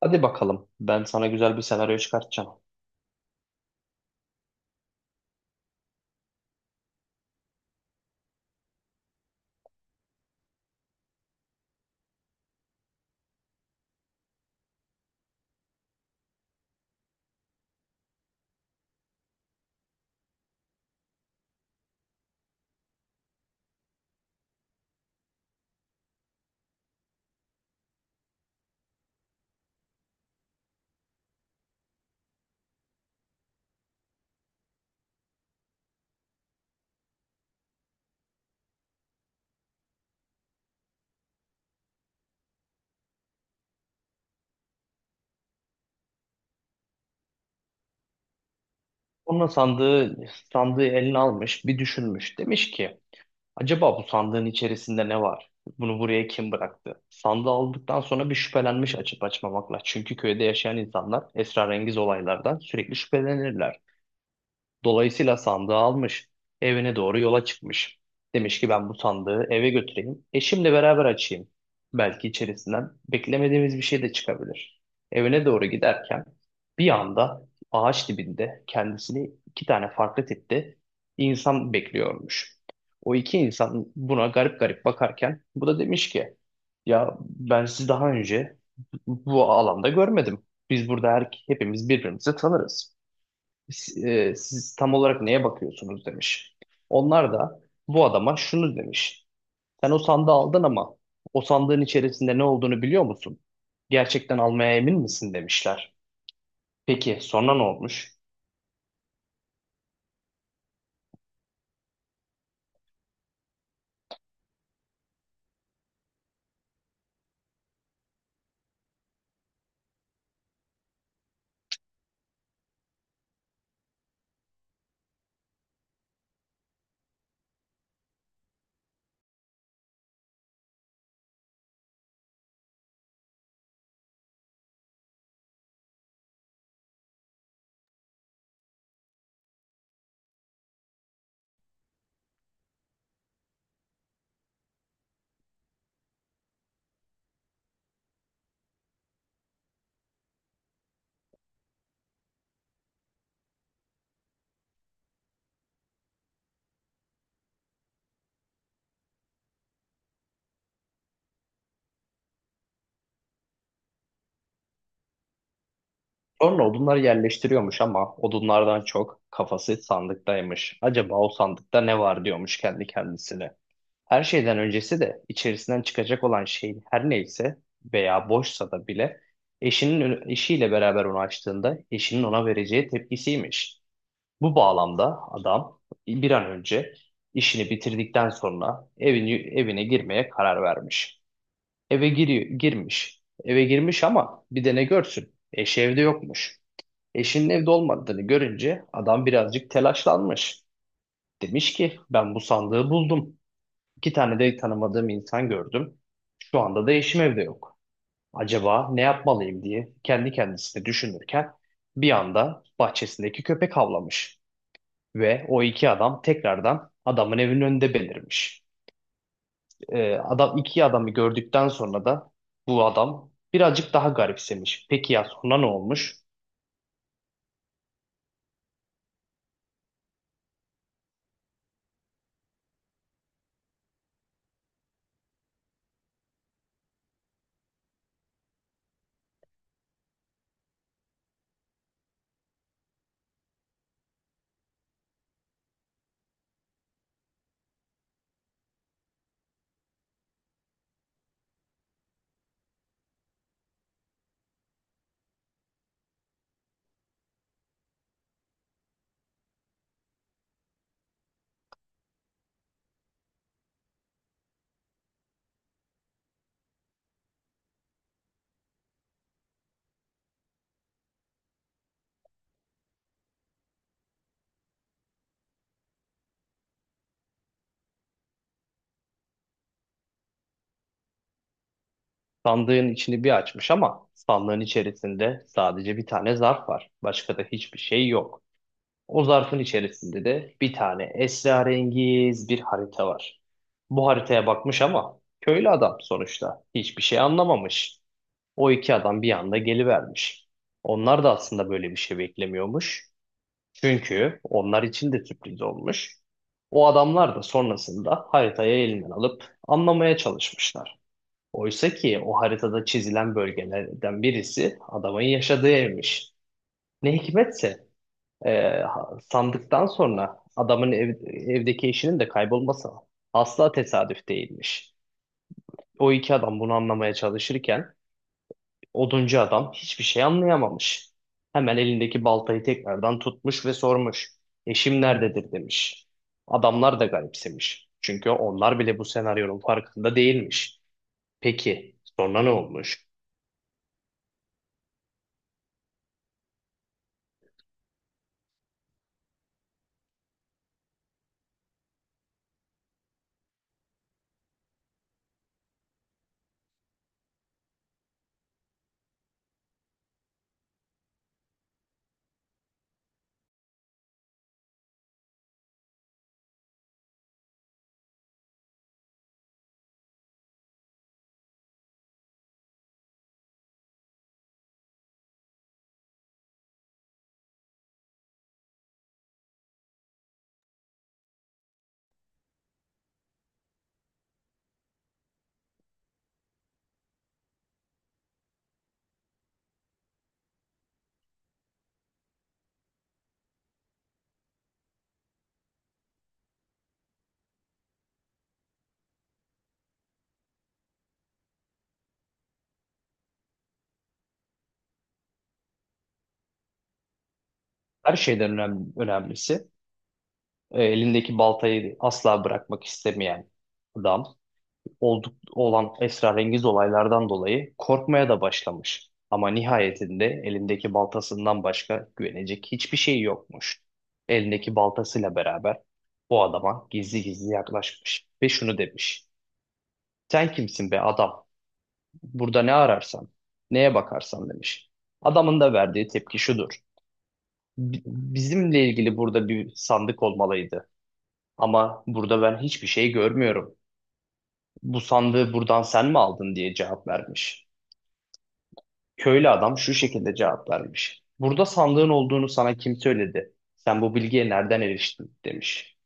Hadi bakalım. Ben sana güzel bir senaryo çıkartacağım. Onun sandığı, sandığı eline almış, bir düşünmüş. Demiş ki, acaba bu sandığın içerisinde ne var? Bunu buraya kim bıraktı? Sandığı aldıktan sonra bir şüphelenmiş açıp açmamakla. Çünkü köyde yaşayan insanlar esrarengiz olaylardan sürekli şüphelenirler. Dolayısıyla sandığı almış, evine doğru yola çıkmış. Demiş ki ben bu sandığı eve götüreyim, eşimle beraber açayım. Belki içerisinden beklemediğimiz bir şey de çıkabilir. Evine doğru giderken bir anda ağaç dibinde kendisini iki tane farklı tipte insan bekliyormuş. O iki insan buna garip garip bakarken bu da demiş ki ya ben sizi daha önce bu alanda görmedim. Biz burada hepimiz birbirimizi tanırız siz, siz tam olarak neye bakıyorsunuz demiş. Onlar da bu adama şunu demiş. Sen o sandığı aldın ama o sandığın içerisinde ne olduğunu biliyor musun? Gerçekten almaya emin misin demişler. Peki sonra ne olmuş? Sonra odunları yerleştiriyormuş ama odunlardan çok kafası sandıktaymış. Acaba o sandıkta ne var diyormuş kendi kendisine. Her şeyden öncesi de içerisinden çıkacak olan şey her neyse veya boşsa da bile eşiyle beraber onu açtığında eşinin ona vereceği tepkisiymiş. Bu bağlamda adam bir an önce işini bitirdikten sonra evine girmeye karar vermiş. Girmiş. Eve girmiş ama bir de ne görsün? Eşi evde yokmuş. Eşinin evde olmadığını görünce adam birazcık telaşlanmış. Demiş ki ben bu sandığı buldum. İki tane de tanımadığım insan gördüm. Şu anda da eşim evde yok. Acaba ne yapmalıyım diye kendi kendisine düşünürken bir anda bahçesindeki köpek havlamış ve o iki adam tekrardan adamın evinin önünde belirmiş. Adam iki adamı gördükten sonra da bu adam birazcık daha garipsemiş. Peki ya sonra ne olmuş? Sandığın içini bir açmış ama sandığın içerisinde sadece bir tane zarf var. Başka da hiçbir şey yok. O zarfın içerisinde de bir tane esrarengiz bir harita var. Bu haritaya bakmış ama köylü adam sonuçta hiçbir şey anlamamış. O iki adam bir anda gelivermiş. Onlar da aslında böyle bir şey beklemiyormuş. Çünkü onlar için de sürpriz olmuş. O adamlar da sonrasında haritayı elinden alıp anlamaya çalışmışlar. Oysa ki o haritada çizilen bölgelerden birisi adamın yaşadığı evmiş. Ne hikmetse ee, sandıktan sonra evdeki eşinin de kaybolması asla tesadüf değilmiş. O iki adam bunu anlamaya çalışırken oduncu adam hiçbir şey anlayamamış. Hemen elindeki baltayı tekrardan tutmuş ve sormuş. Eşim nerededir demiş. Adamlar da garipsemiş. Çünkü onlar bile bu senaryonun farkında değilmiş. Peki sonra ne olmuş? Önemlisi elindeki baltayı asla bırakmak istemeyen adam olan esrarengiz olaylardan dolayı korkmaya da başlamış. Ama nihayetinde elindeki baltasından başka güvenecek hiçbir şey yokmuş. Elindeki baltasıyla beraber bu adama gizli gizli yaklaşmış ve şunu demiş. Sen kimsin be adam? Burada ne ararsan, neye bakarsan demiş. Adamın da verdiği tepki şudur. Bizimle ilgili burada bir sandık olmalıydı. Ama burada ben hiçbir şey görmüyorum. Bu sandığı buradan sen mi aldın diye cevap vermiş. Köylü adam şu şekilde cevap vermiş. Burada sandığın olduğunu sana kim söyledi? Sen bu bilgiye nereden eriştin? Demiş.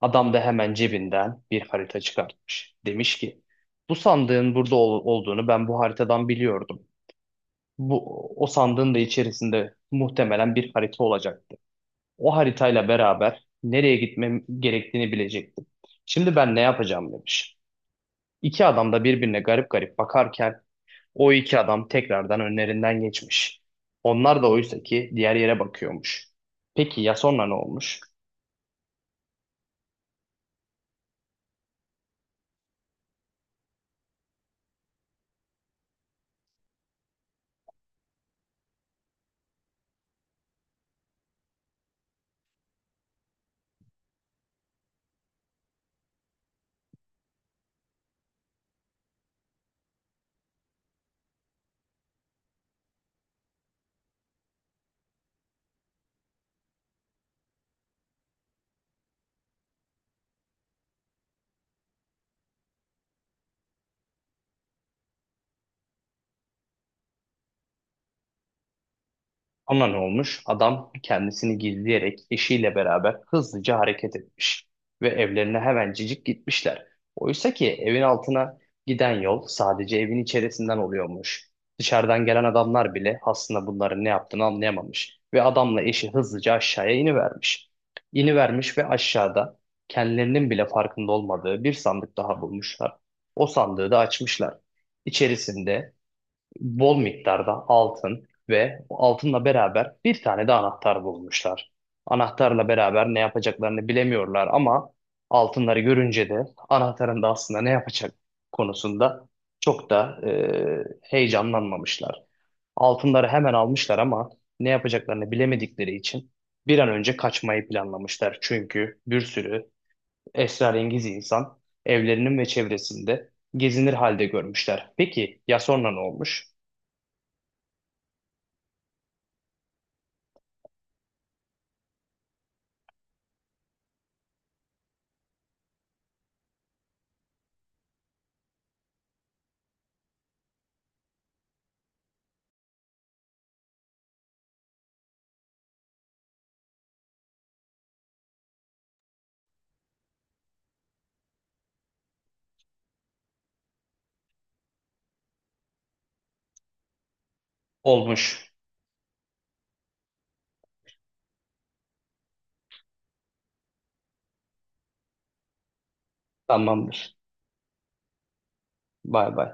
Adam da hemen cebinden bir harita çıkartmış. Demiş ki bu sandığın burada olduğunu ben bu haritadan biliyordum. Bu, o sandığın da içerisinde muhtemelen bir harita olacaktı. O haritayla beraber nereye gitmem gerektiğini bilecektim. Şimdi ben ne yapacağım demiş. İki adam da birbirine garip garip bakarken o iki adam tekrardan önlerinden geçmiş. Onlar da oysa ki diğer yere bakıyormuş. Peki ya sonra ne olmuş? Ona ne olmuş? Adam kendisini gizleyerek eşiyle beraber hızlıca hareket etmiş ve evlerine hemencecik gitmişler. Oysa ki evin altına giden yol sadece evin içerisinden oluyormuş. Dışarıdan gelen adamlar bile aslında bunların ne yaptığını anlayamamış ve adamla eşi hızlıca aşağıya inivermiş. İnivermiş ve aşağıda kendilerinin bile farkında olmadığı bir sandık daha bulmuşlar. O sandığı da açmışlar. İçerisinde bol miktarda altın ve altınla beraber bir tane de anahtar bulmuşlar. Anahtarla beraber ne yapacaklarını bilemiyorlar ama altınları görünce de anahtarın da aslında ne yapacak konusunda çok da heyecanlanmamışlar. Altınları hemen almışlar ama ne yapacaklarını bilemedikleri için bir an önce kaçmayı planlamışlar. Çünkü bir sürü esrarengiz insan evlerinin ve çevresinde gezinir halde görmüşler. Peki ya sonra ne olmuş? Olmuş. Tamamdır. Bay bay.